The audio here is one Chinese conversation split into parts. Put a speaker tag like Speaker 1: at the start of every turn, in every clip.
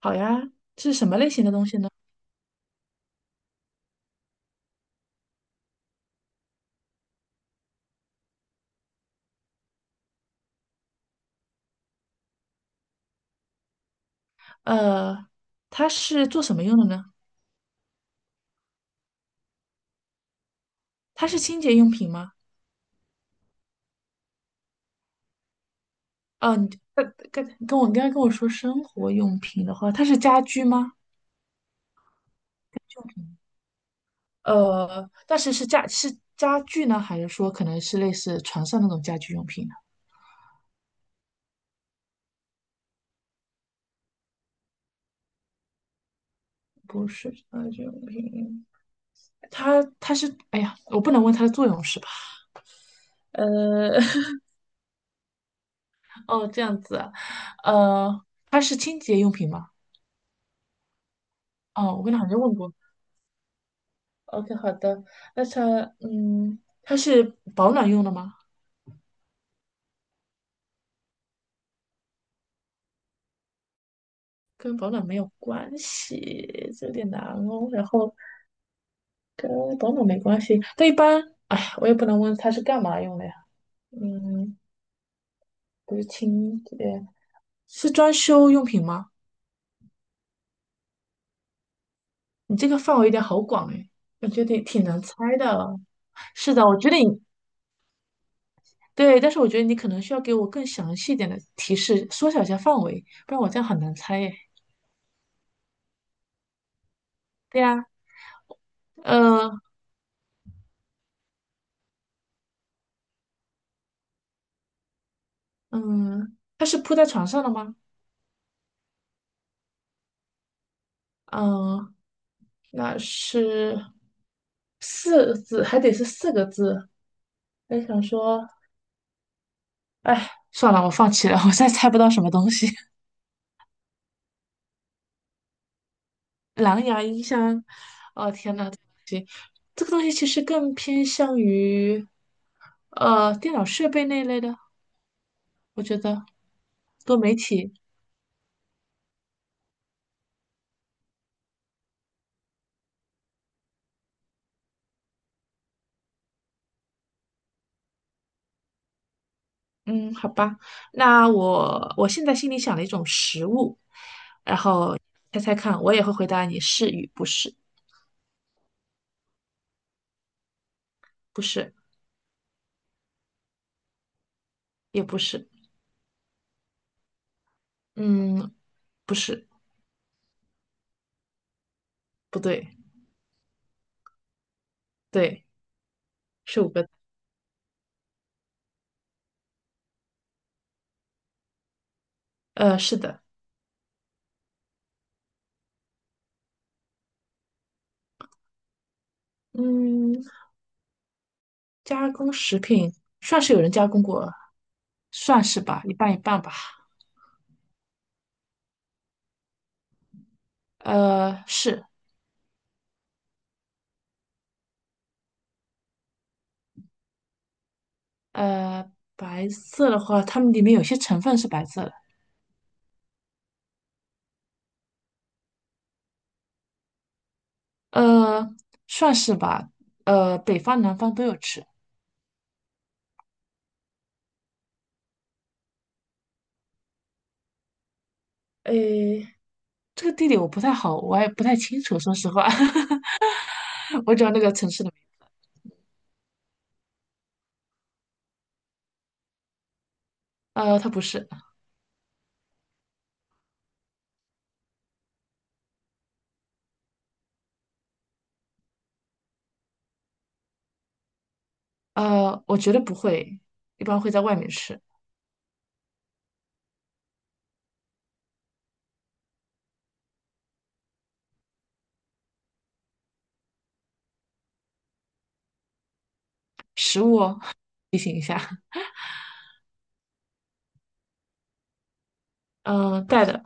Speaker 1: 好呀，是什么类型的东西呢？呃，它是做什么用的呢？它是清洁用品吗？哦，你跟跟跟我你刚才跟我说生活用品的话，它是家居吗？用品。但是是家具呢，还是说可能是类似床上那种家居用品呢？不是家居用品，它是，哎呀，我不能问它的作用是吧？呃，哦，这样子啊，它是清洁用品吗？哦，我跟他好像问过。OK，好的，那它，嗯，它是保暖用的吗？跟保暖没有关系，这有点难哦。然后跟保暖没关系，但一般，哎，我也不能问它是干嘛用的呀。嗯，不是清洁，是装修用品吗？你这个范围有点好广哎，感觉得挺难猜的。是的，我觉得你对，但是我觉得你可能需要给我更详细一点的提示，缩小一下范围，不然我这样很难猜耶。对呀，嗯。嗯，它是铺在床上的吗？嗯，那是四个字，还得是四个字。我想说，哎，算了，我放弃了，我再猜不到什么东西。蓝牙音箱，哦天呐，行，这个东西其实更偏向于电脑设备那一类的，我觉得多媒体。嗯，好吧，那我现在心里想了一种食物，然后猜猜看，我也会回答你是与不是，不是。也不是，嗯，不是，不对，对，是五个，是的，嗯，加工食品算是有人加工过，算是吧，一半一半吧，是，呃，白色的话，它们里面有些成分是白色的，呃，算是吧，北方南方都有吃，诶，这个地理我不太好，我也不太清楚，说实话，我只要那个城市的名，它不是，我觉得不会，一般会在外面吃。食物，嗯，带的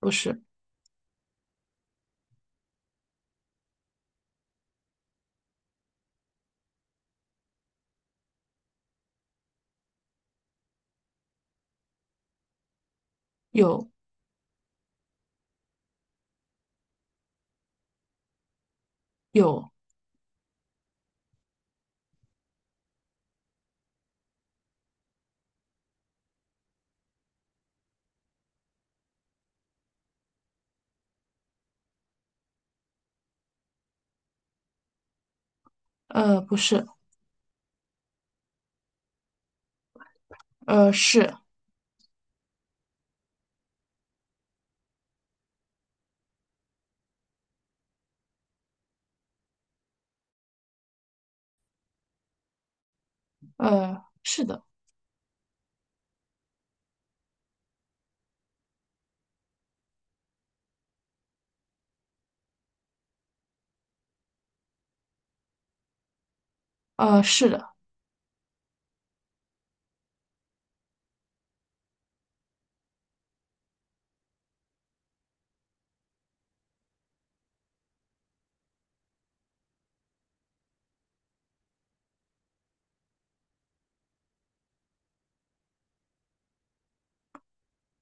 Speaker 1: 不是，有有，不是，是，是的，是的，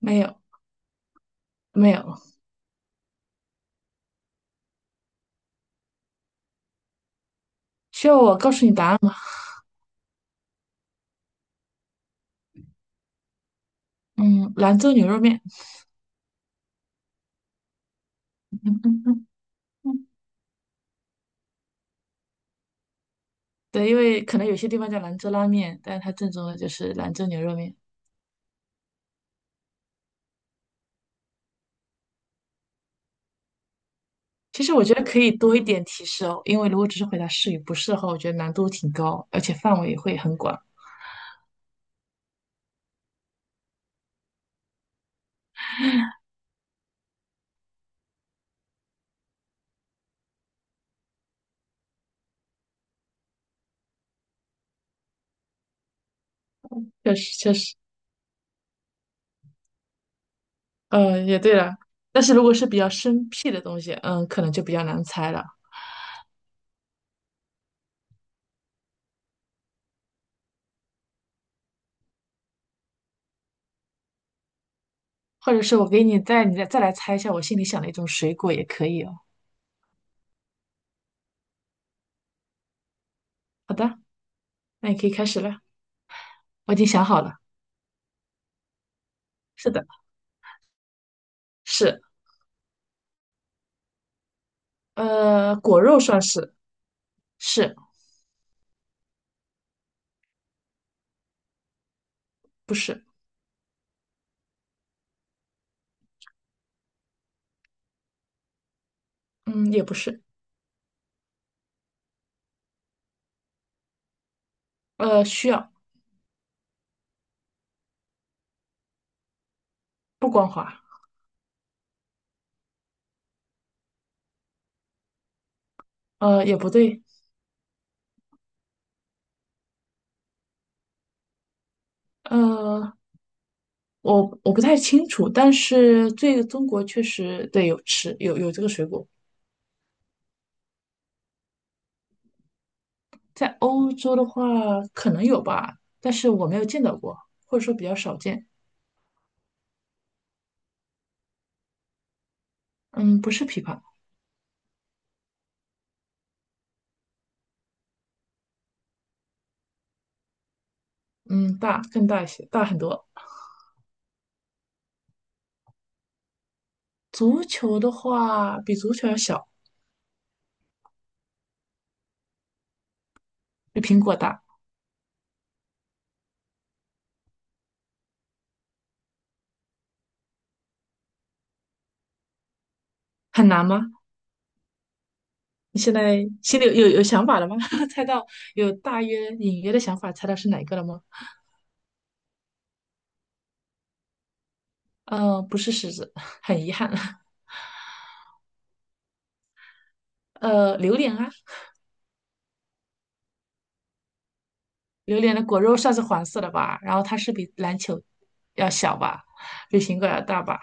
Speaker 1: 没有没有，需要我告诉你答案吗？嗯，兰州牛肉面，嗯对，因为可能有些地方叫兰州拉面，但是它正宗的就是兰州牛肉面。其实我觉得可以多一点提示哦，因为如果只是回答是与不是的话，我觉得难度挺高，而且范围会很广。确实，确实，嗯，也对了。但是如果是比较生僻的东西，可能就比较难猜了。或者是我给你再你再再来猜一下我心里想的一种水果也可以哦。好的，那你可以开始了，我已经想好了。是的，是，果肉算是，是不是？嗯，也不是，需要不光滑，也不对，呃，我不太清楚，但是这个中国确实对有吃有有这个水果，在欧洲的话可能有吧，但是我没有见到过，或者说比较少见。嗯，不是枇杷，嗯，更大一些，大很多。足球的话，比足球要小，比苹果大，很难吗？你现在心里有想法了吗？猜到有大约隐约的想法，猜到是哪个了吗？不是柿子，很遗憾。榴莲啊，榴莲的果肉算是黄色的吧，然后它是比篮球要小吧，比苹果要大吧。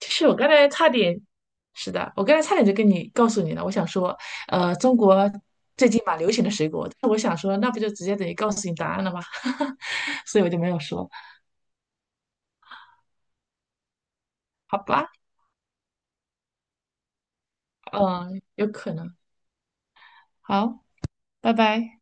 Speaker 1: 其实我刚才差点，是的，我刚才差点就告诉你了。我想说，中国最近蛮流行的水果，但是我想说，那不就直接等于告诉你答案了吗？所以我就没有说，好吧，嗯、有可能。好，拜拜。